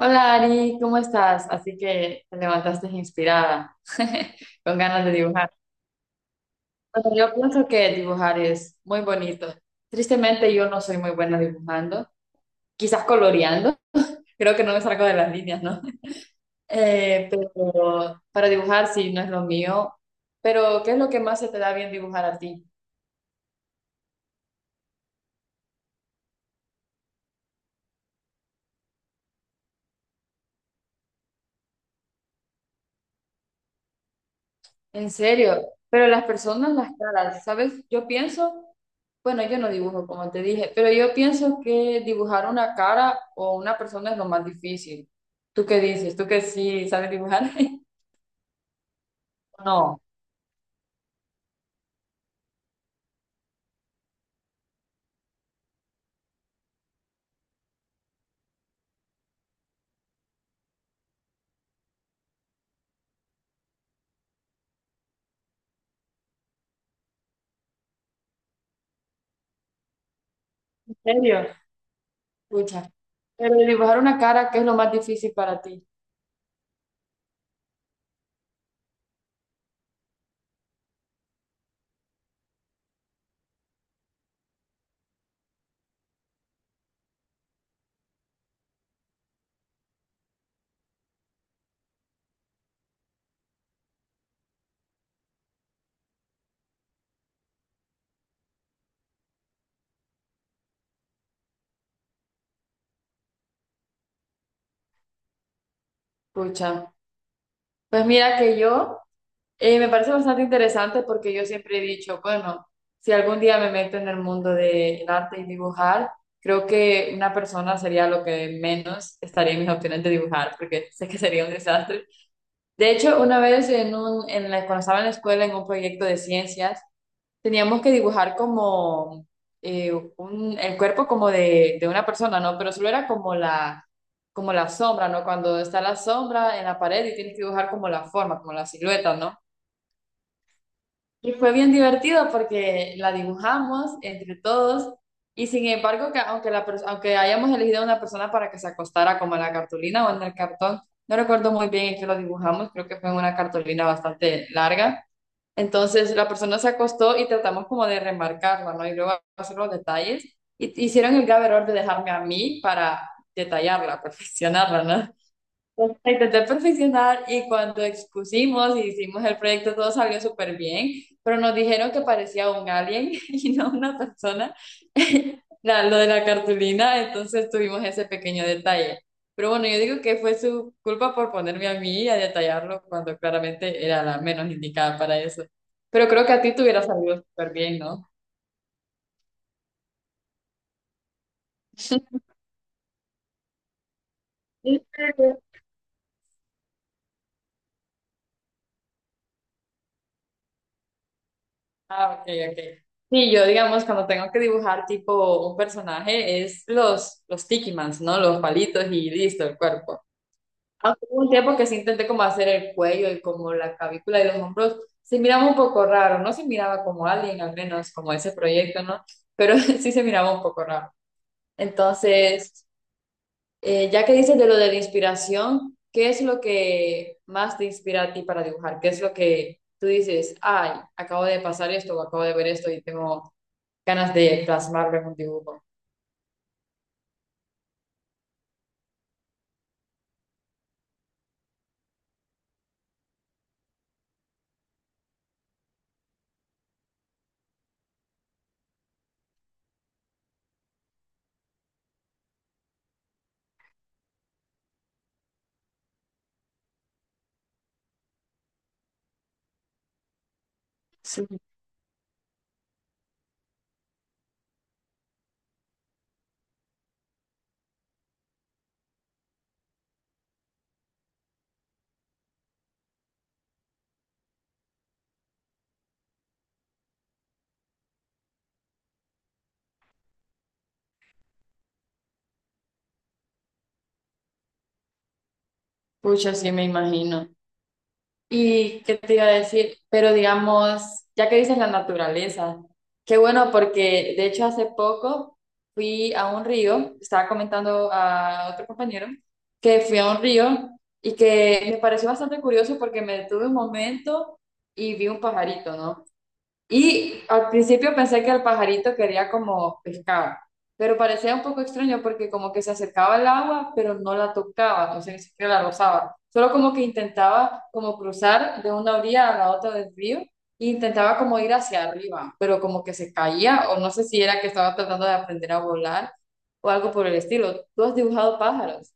Hola Ari, ¿cómo estás? Así que te levantaste inspirada, con ganas de dibujar. Bueno, yo pienso que dibujar es muy bonito. Tristemente yo no soy muy buena dibujando, quizás coloreando, creo que no me salgo de las líneas, ¿no? Eh, pero para dibujar sí no es lo mío, pero ¿qué es lo que más se te da bien dibujar a ti? En serio, pero las personas, las caras, ¿sabes? Yo pienso, bueno, yo no dibujo como te dije, pero yo pienso que dibujar una cara o una persona es lo más difícil. ¿Tú qué dices? ¿Tú que sí sabes dibujar? No, en serio, pucha. Pero dibujar una cara, ¿qué es lo más difícil para ti? Pucha. Pues mira que yo. Me parece bastante interesante porque yo siempre he dicho, bueno, si algún día me meto en el mundo del arte y dibujar, creo que una persona sería lo que menos estaría en mis opciones de dibujar, porque sé que sería un desastre. De hecho, una vez en un, en la, cuando estaba en la escuela en un proyecto de ciencias, teníamos que dibujar como eh, un, el cuerpo como de una persona, ¿no? Pero solo era como la sombra, ¿no? Cuando está la sombra en la pared y tienes que dibujar como la forma, como la silueta, ¿no? Y fue bien divertido porque la dibujamos entre todos y sin embargo, que aunque, la, aunque hayamos elegido a una persona para que se acostara como en la cartulina o en el cartón, no recuerdo muy bien en qué lo dibujamos, creo que fue en una cartulina bastante larga. Entonces la persona se acostó y tratamos como de remarcarla, ¿no? Y luego hacer los detalles. Y hicieron el grave error de dejarme a mí para detallarla, perfeccionarla, no pues, intenté perfeccionar y cuando expusimos y hicimos el proyecto todo salió súper bien, pero nos dijeron que parecía un alien y no una persona, lo de la cartulina, entonces tuvimos ese pequeño detalle. Pero bueno, yo digo que fue su culpa por ponerme a mí a detallarlo cuando claramente era la menos indicada para eso. Pero creo que a ti te hubiera salido súper bien, ¿no? Ah, ok, ok. Sí, yo digamos cuando tengo que dibujar tipo un personaje es los Tiki Mans, ¿no? Los palitos y listo, el cuerpo. Aunque hubo un tiempo que sí intenté como hacer el cuello y como la clavícula y los hombros, se miraba un poco raro, no se miraba como alguien, al menos como ese proyecto, ¿no? Pero sí se miraba un poco raro. Entonces, ya que dices de lo de la inspiración, ¿qué es lo que más te inspira a ti para dibujar? ¿Qué es lo que tú dices, ay, acabo de pasar esto o acabo de ver esto y tengo ganas de plasmarlo en un dibujo? Sí, pucha, sí me imagino. ¿Y qué te iba a decir? Pero digamos, ya que dices la naturaleza, qué bueno porque de hecho hace poco fui a un río, estaba comentando a otro compañero que fui a un río y que me pareció bastante curioso porque me detuve un momento y vi un pajarito, ¿no? Y al principio pensé que el pajarito quería como pescado, pero parecía un poco extraño porque como que se acercaba al agua, pero no la tocaba, no sé ni siquiera la rozaba. Solo como que intentaba como cruzar de una orilla a la otra del río e intentaba como ir hacia arriba, pero como que se caía o no sé si era que estaba tratando de aprender a volar o algo por el estilo. ¿Tú has dibujado pájaros?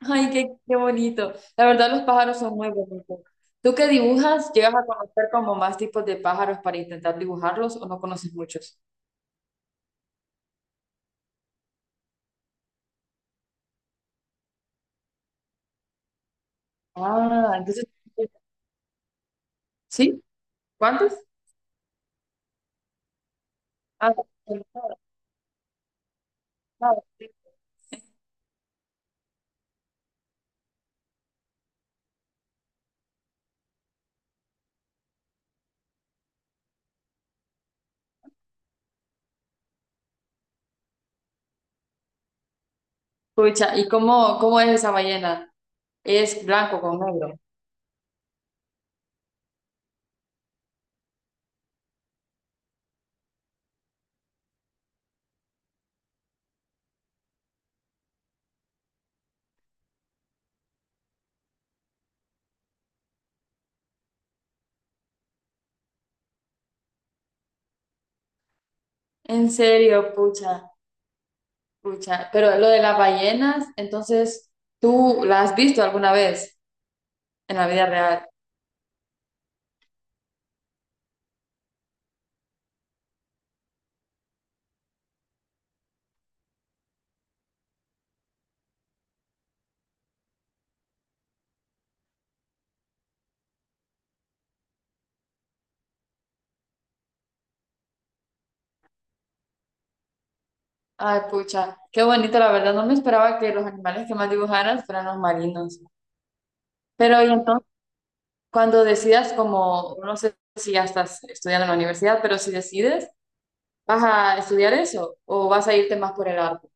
Ay, qué, qué bonito. La verdad, los pájaros son muy bonitos. ¿Tú que dibujas? ¿Llegas a conocer como más tipos de pájaros para intentar dibujarlos o no conoces muchos? Ah, entonces, ¿sí? ¿Cuántos? Ah, el pájaro, claro, sí. Pucha, ¿y cómo, cómo es esa ballena? ¿Es blanco con negro? En serio, pucha, pucha. Pero lo de las ballenas, entonces, ¿tú la has visto alguna vez en la vida real? Ay, pucha, qué bonito, la verdad. No me esperaba que los animales que más dibujaras fueran los marinos. Pero, y entonces, cuando decidas, como, no sé si ya estás estudiando en la universidad, pero si decides, ¿vas a estudiar eso o vas a irte más por el arte?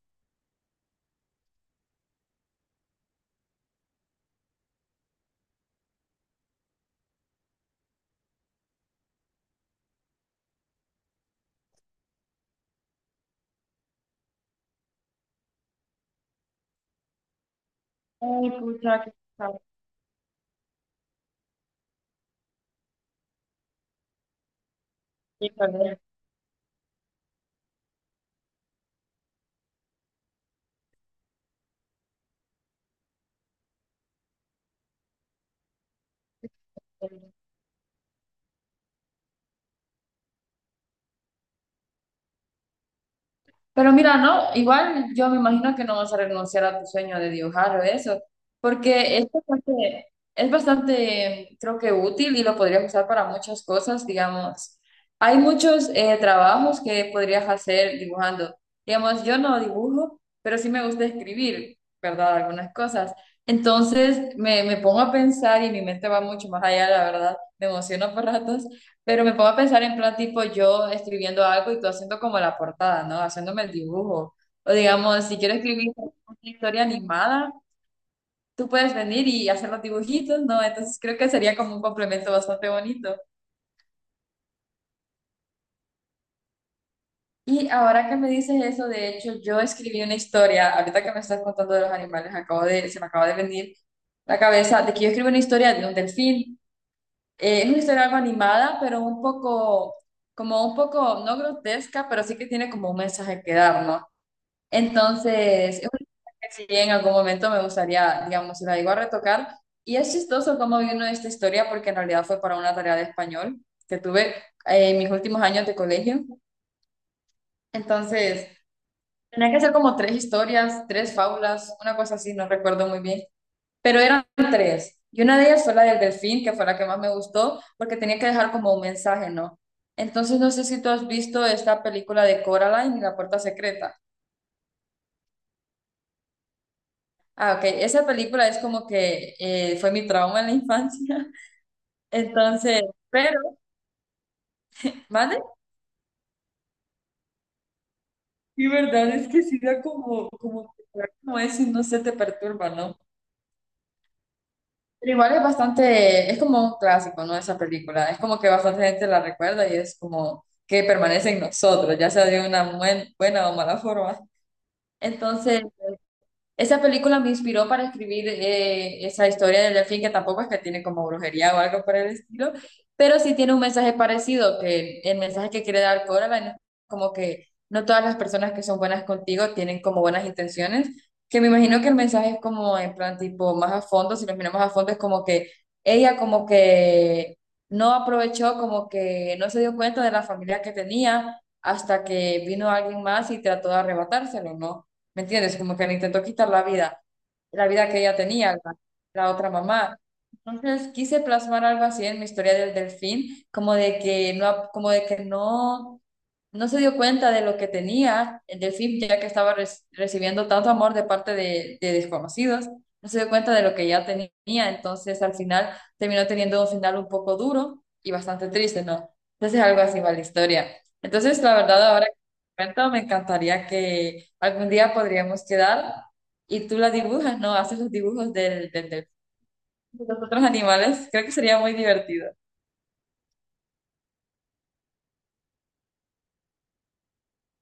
Ay, pucha, qué. Pero mira, no, igual yo me imagino que no vas a renunciar a tu sueño de dibujar o eso, porque es bastante, creo que útil y lo podrías usar para muchas cosas, digamos. Hay muchos trabajos que podrías hacer dibujando. Digamos, yo no dibujo, pero sí me gusta escribir, ¿verdad? Algunas cosas. Entonces me pongo a pensar y mi mente va mucho más allá, la verdad. Me emociono por ratos pero me pongo a pensar en plan tipo yo escribiendo algo y tú haciendo como la portada, ¿no? Haciéndome el dibujo. O digamos, si quiero escribir una historia animada, tú puedes venir y hacer los dibujitos, ¿no? Entonces creo que sería como un complemento bastante bonito. Y ahora que me dices eso, de hecho, yo escribí una historia, ahorita que me estás contando de los animales, acabo de, se me acaba de venir la cabeza de que yo escribo una historia de un delfín. Es una historia algo animada, pero un poco, como un poco, no grotesca, pero sí que tiene como un mensaje que dar, ¿no? Entonces, es una que sí en algún momento me gustaría, digamos, si la digo a retocar. Y es chistoso cómo vino esta historia, porque en realidad fue para una tarea de español que tuve en mis últimos años de colegio. Entonces, tenía que hacer como tres historias, tres fábulas, una cosa así, no recuerdo muy bien. Pero eran tres. Y una de ellas fue la del delfín, que fue la que más me gustó, porque tenía que dejar como un mensaje, ¿no? Entonces, no sé si tú has visto esta película de Coraline y la puerta secreta. Ah, ok. Esa película es como que fue mi trauma en la infancia. Entonces, pero, ¿vale? Y verdad es que sí da como, como, como eso y no se te perturba, ¿no? Pero igual es bastante, es como un clásico, ¿no? Esa película. Es como que bastante gente la recuerda y es como que permanece en nosotros, ya sea de una buena o mala forma. Entonces, esa película me inspiró para escribir esa historia del delfín, que tampoco es que tiene como brujería o algo por el estilo, pero sí tiene un mensaje parecido, que el mensaje que quiere dar Coraline es como que no todas las personas que son buenas contigo tienen como buenas intenciones, que me imagino que el mensaje es como en plan tipo más a fondo, si lo miramos a fondo es como que ella como que no aprovechó, como que no se dio cuenta de la familia que tenía hasta que vino alguien más y trató de arrebatárselo, ¿no? ¿Me entiendes? Como que le intentó quitar la vida que ella tenía, la otra mamá. Entonces quise plasmar algo así en mi historia del delfín, como de que no, como de que no, no se dio cuenta de lo que tenía el delfín, ya que estaba recibiendo tanto amor de parte de desconocidos, no se dio cuenta de lo que ya tenía. Entonces al final terminó teniendo un final un poco duro y bastante triste, ¿no? Entonces algo así va la historia. Entonces, la verdad, ahora cuento, me encantaría que algún día podríamos quedar y tú la dibujas, ¿no? Haces los dibujos del, de los otros animales. Creo que sería muy divertido.